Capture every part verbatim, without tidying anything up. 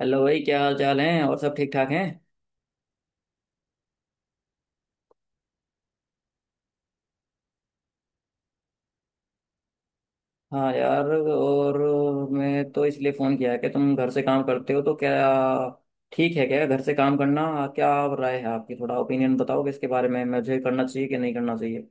Hello भाई, क्या हाल चाल है? और सब ठीक ठाक हैं? हाँ यार। और मैं तो इसलिए फ़ोन किया है कि तुम घर से काम करते हो तो क्या ठीक है क्या घर से काम करना? क्या राय है आपकी? थोड़ा ओपिनियन बताओगे इसके बारे में? मुझे करना चाहिए कि नहीं करना चाहिए?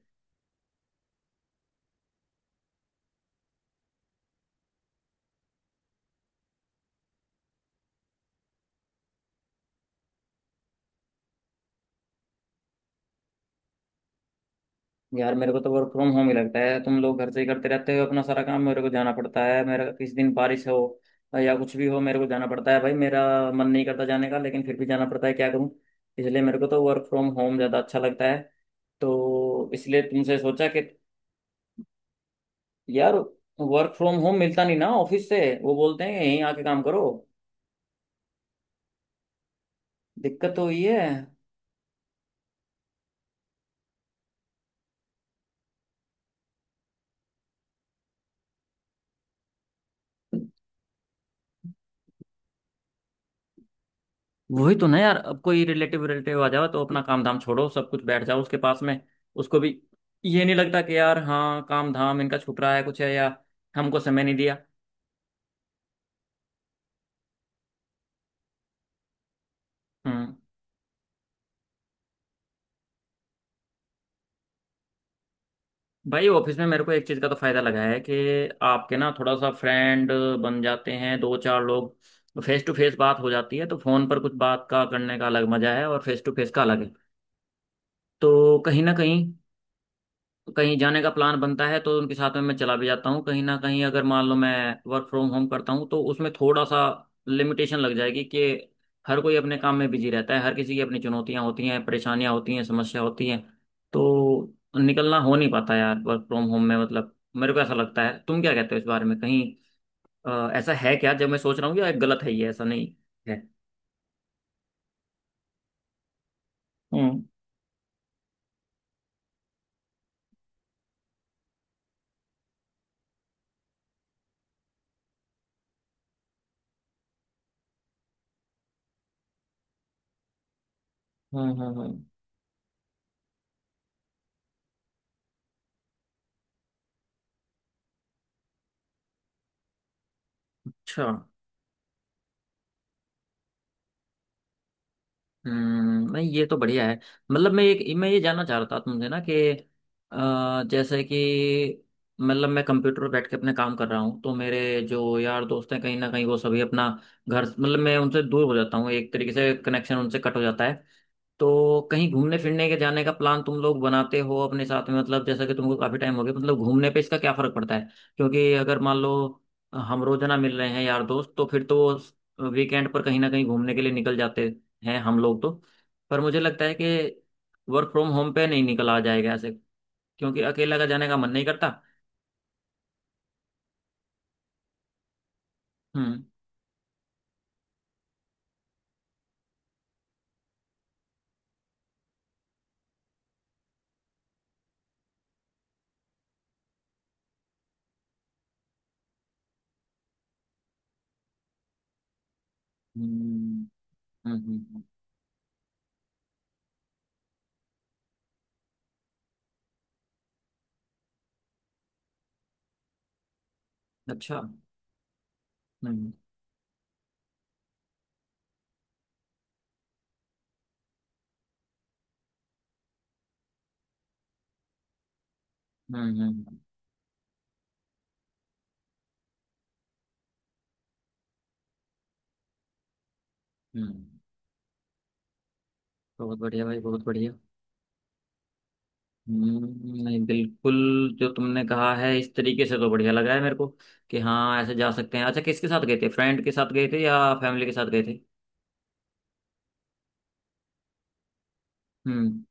यार मेरे को तो वर्क फ्रॉम होम ही लगता है। तुम लोग घर से ही करते रहते हो अपना सारा काम। मेरे को जाना पड़ता है। मेरा किस दिन बारिश हो या कुछ भी हो, मेरे को जाना पड़ता है भाई। मेरा मन नहीं करता जाने का, लेकिन फिर भी जाना पड़ता है, क्या करूँ। इसलिए मेरे को तो वर्क फ्रॉम होम ज़्यादा अच्छा लगता है। तो इसलिए तुमसे सोचा कि यार वर्क फ्रॉम होम मिलता नहीं ना, ऑफिस से वो बोलते हैं यहीं आके काम करो। दिक्कत तो वही है। वही तो ना यार, अब कोई रिलेटिव रिलेटिव आ जाओ तो अपना काम धाम छोड़ो, सब कुछ बैठ जाओ उसके पास में। उसको भी ये नहीं लगता कि यार हाँ काम धाम इनका छूट रहा है, कुछ है या हमको समय नहीं दिया। हम्म भाई ऑफिस में मेरे को एक चीज़ का तो फायदा लगा है कि आपके ना थोड़ा सा फ्रेंड बन जाते हैं, दो चार लोग। फेस टू फेस बात हो जाती है, तो फोन पर कुछ बात का करने का अलग मजा है और फेस टू फेस का अलग है। तो कहीं ना कहीं कहीं जाने का प्लान बनता है तो उनके साथ में मैं चला भी जाता हूँ कहीं ना कहीं। अगर मान लो मैं वर्क फ्रॉम होम करता हूँ तो उसमें थोड़ा सा लिमिटेशन लग जाएगी कि हर कोई अपने काम में बिजी रहता है, हर किसी की अपनी चुनौतियाँ होती हैं, परेशानियाँ होती हैं, समस्या होती हैं। तो निकलना हो नहीं पाता यार वर्क फ्रॉम होम में। मतलब मेरे को ऐसा लगता है, तुम क्या कहते हो इस बारे में? कहीं अ, ऐसा है क्या जब मैं सोच रहा हूँ, या गलत है, ये ऐसा नहीं है? हम्म। हम्म हम्म हम्म। अच्छा। हम्म, नहीं ये तो बढ़िया है। मतलब मैं एक, मैं ये जानना चाह रहा था तुमसे ना कि अ, जैसे कि मतलब मैं कंप्यूटर पर बैठ के अपने काम कर रहा हूँ तो मेरे जो यार दोस्त हैं कहीं ना कहीं वो सभी अपना घर, मतलब मैं उनसे दूर हो जाता हूँ एक तरीके से, कनेक्शन उनसे कट हो जाता है। तो कहीं घूमने फिरने के जाने का प्लान तुम लोग बनाते हो अपने साथ में? मतलब जैसा कि तुमको काफी टाइम हो गया, मतलब घूमने पे इसका क्या फर्क पड़ता है? क्योंकि अगर मान लो हम रोजाना मिल रहे हैं यार दोस्त तो फिर तो वीकेंड पर कहीं ना कहीं घूमने के लिए निकल जाते हैं हम लोग तो। पर मुझे लगता है कि वर्क फ्रॉम होम पे नहीं निकला जाएगा ऐसे, क्योंकि अकेला का जाने का मन नहीं करता। हम्म हम्म हम्म हम्म। अच्छा। हम्म हम्म हम्म हम्म। बहुत बढ़िया भाई, बहुत बढ़िया। हम्म, नहीं बिल्कुल। जो तुमने कहा है इस तरीके से, तो बढ़िया लगा है मेरे को कि हाँ ऐसे जा सकते हैं। अच्छा, किसके साथ गए थे? फ्रेंड के साथ गए थे या फैमिली के साथ गए थे? हम्म।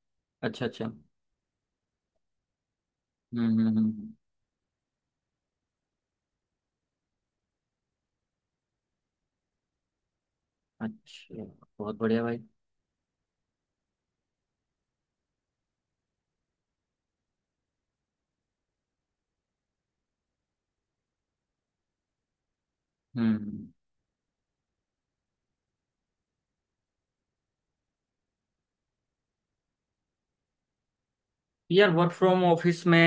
अच्छा अच्छा। हम्म हम्म हम्म, हम्म। अच्छा, बहुत बढ़िया भाई। हम्म। यार वर्क फ्रॉम ऑफिस में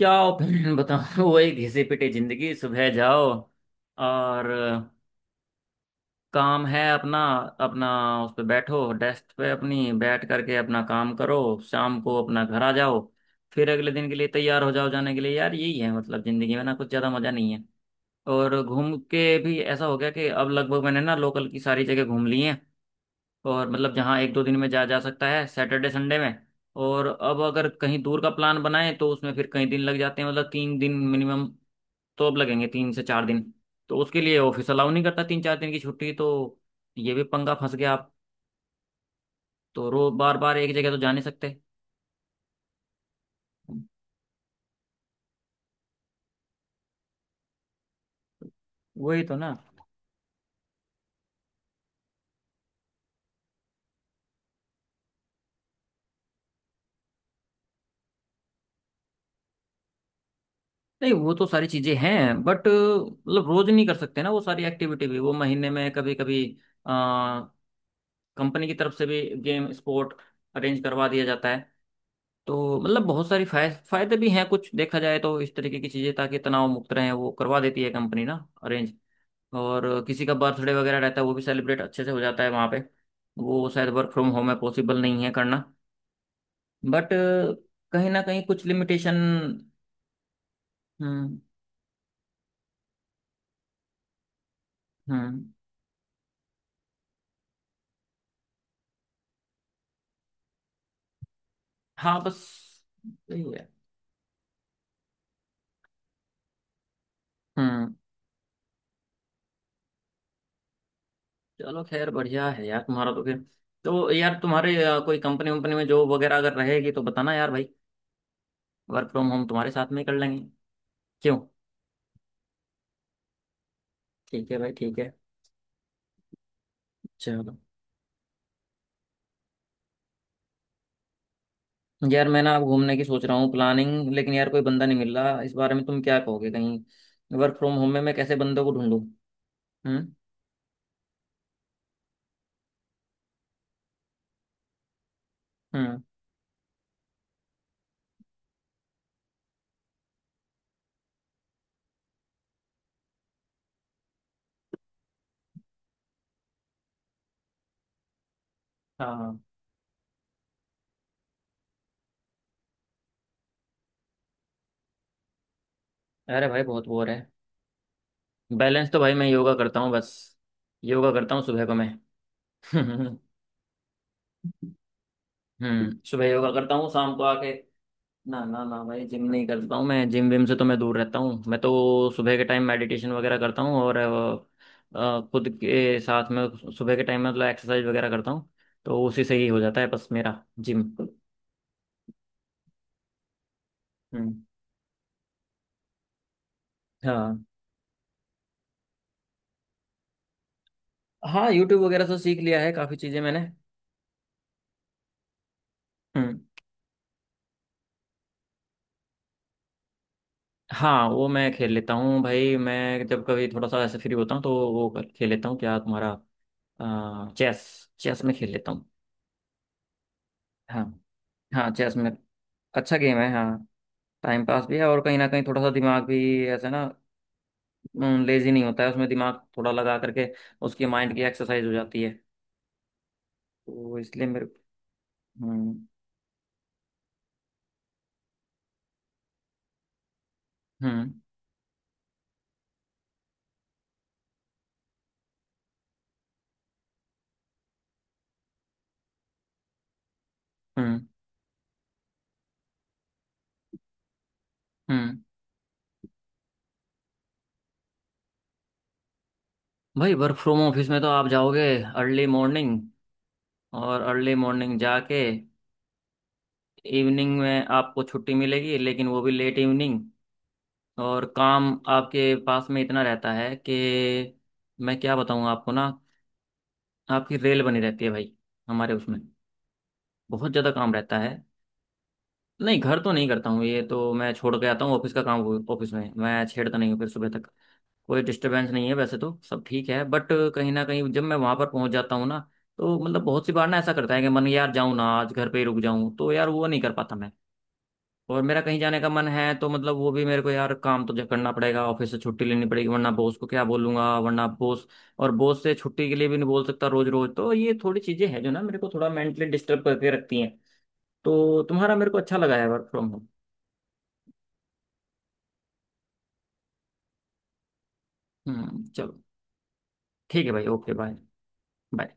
क्या ओपिनियन बताऊं वही घिसे पिटे जिंदगी। सुबह जाओ, और काम है अपना अपना उस पे बैठो, डेस्क पे अपनी बैठ करके अपना काम करो, शाम को अपना घर आ जाओ, फिर अगले दिन के लिए तैयार हो जाओ जाने के लिए। यार यही है, मतलब जिंदगी में ना कुछ ज्यादा मजा नहीं है। और घूम के भी ऐसा हो गया कि अब लगभग मैंने ना लोकल की सारी जगह घूम ली है। और मतलब जहाँ एक दो दिन में जा जा सकता है सैटरडे संडे में। और अब अगर कहीं दूर का प्लान बनाए तो उसमें फिर कई दिन लग जाते हैं। मतलब तीन दिन मिनिमम, तो अब लगेंगे तीन से चार दिन। तो उसके लिए ऑफिस अलाउ नहीं करता तीन चार दिन की छुट्टी, तो ये भी पंगा फंस गया आप। तो रो बार बार एक जगह तो जा नहीं सकते। वही तो ना। नहीं वो तो सारी चीजें हैं बट मतलब रोज नहीं कर सकते ना वो सारी एक्टिविटी भी। वो महीने में कभी कभी कंपनी की तरफ से भी गेम स्पोर्ट अरेंज करवा दिया जाता है। तो मतलब बहुत सारी फाय, फायदे भी हैं कुछ देखा जाए तो। इस तरीके की चीजें ताकि तनाव मुक्त रहें, वो करवा देती है कंपनी ना अरेंज। और किसी का बर्थडे वगैरह रहता है वो भी सेलिब्रेट अच्छे से हो जाता है वहाँ पे। वो शायद वर्क फ्रॉम होम में पॉसिबल नहीं है करना। बट कहीं ना कहीं कुछ लिमिटेशन। हम्म हम्म हाँ बस यही है। हम्म। चलो, खैर बढ़िया है यार तुम्हारा तो फिर। तो यार तुम्हारे अ, कोई कंपनी वंपनी में जॉब वगैरह अगर रहेगी तो बताना यार भाई, वर्क फ्रॉम होम तुम्हारे साथ में ही कर लेंगे। क्यों? ठीक है भाई, ठीक है। चलो। यार मैं ना अब घूमने की सोच रहा हूँ प्लानिंग, लेकिन यार कोई बंदा नहीं मिल रहा। इस बारे में तुम क्या कहोगे, कहीं वर्क फ्रॉम होम में मैं कैसे बंदों को ढूंढूं? हम्म हम्म हाँ। अरे भाई बहुत बोर है। बैलेंस तो भाई मैं योगा करता हूँ बस। योगा करता हूँ सुबह को मैं। हम्म। सुबह योगा करता हूँ, शाम को आके। ना ना ना भाई, जिम नहीं करता हूँ मैं। जिम विम से तो मैं दूर रहता हूँ। मैं तो सुबह के टाइम मेडिटेशन वगैरह करता हूँ और अ, अ, खुद के साथ में सुबह के टाइम में मतलब एक्सरसाइज वगैरह करता हूँ। तो उसी से ही हो जाता है बस मेरा जिम। हम्म। हाँ। हाँ यूट्यूब वगैरह से सीख लिया है काफी चीजें मैंने। हम्म। हाँ वो मैं खेल लेता हूँ भाई। मैं जब कभी थोड़ा सा ऐसे फ्री होता हूँ तो वो कर- खेल लेता हूँ। क्या तुम्हारा, चेस, चेस में खेल लेता हूँ। हाँ। हाँ चेस में अच्छा गेम है हाँ। टाइम पास भी है और कहीं ना कहीं थोड़ा सा दिमाग भी ऐसे ना लेजी नहीं होता है, उसमें दिमाग थोड़ा लगा करके उसके माइंड की एक्सरसाइज हो जाती है। तो इसलिए मेरे। हम्म हम्म हम्म हम्म। भाई वर्क फ्रॉम ऑफिस में तो आप जाओगे अर्ली मॉर्निंग, और अर्ली मॉर्निंग जाके इवनिंग में आपको छुट्टी मिलेगी, लेकिन वो भी लेट इवनिंग। और काम आपके पास में इतना रहता है कि मैं क्या बताऊं आपको ना, आपकी रेल बनी रहती है भाई। हमारे उसमें बहुत ज़्यादा काम रहता है। नहीं घर तो नहीं करता हूँ, ये तो मैं छोड़ के आता हूँ ऑफिस का काम। ऑफिस में मैं छेड़ता नहीं हूँ फिर सुबह तक। कोई डिस्टरबेंस नहीं है, वैसे तो सब ठीक है बट कहीं ना कहीं जब मैं वहां पर पहुंच जाता हूँ ना, तो मतलब बहुत सी बार ना ऐसा करता है कि मन, यार जाऊँ ना आज, घर पे ही रुक जाऊँ, तो यार वो नहीं कर पाता मैं। और मेरा कहीं जाने का मन है तो मतलब वो भी मेरे को यार, काम तो जब करना पड़ेगा ऑफिस से छुट्टी लेनी पड़ेगी वरना बॉस को क्या बोलूंगा वरना बॉस। और बॉस से छुट्टी के लिए भी नहीं बोल सकता रोज रोज। तो ये थोड़ी चीजें हैं जो ना मेरे को थोड़ा मेंटली डिस्टर्ब करके रखती हैं। तो तुम्हारा मेरे को अच्छा लगा है वर्क फ्रॉम होम। हम्म चलो। ठीक है भाई, ओके बाय। बाय।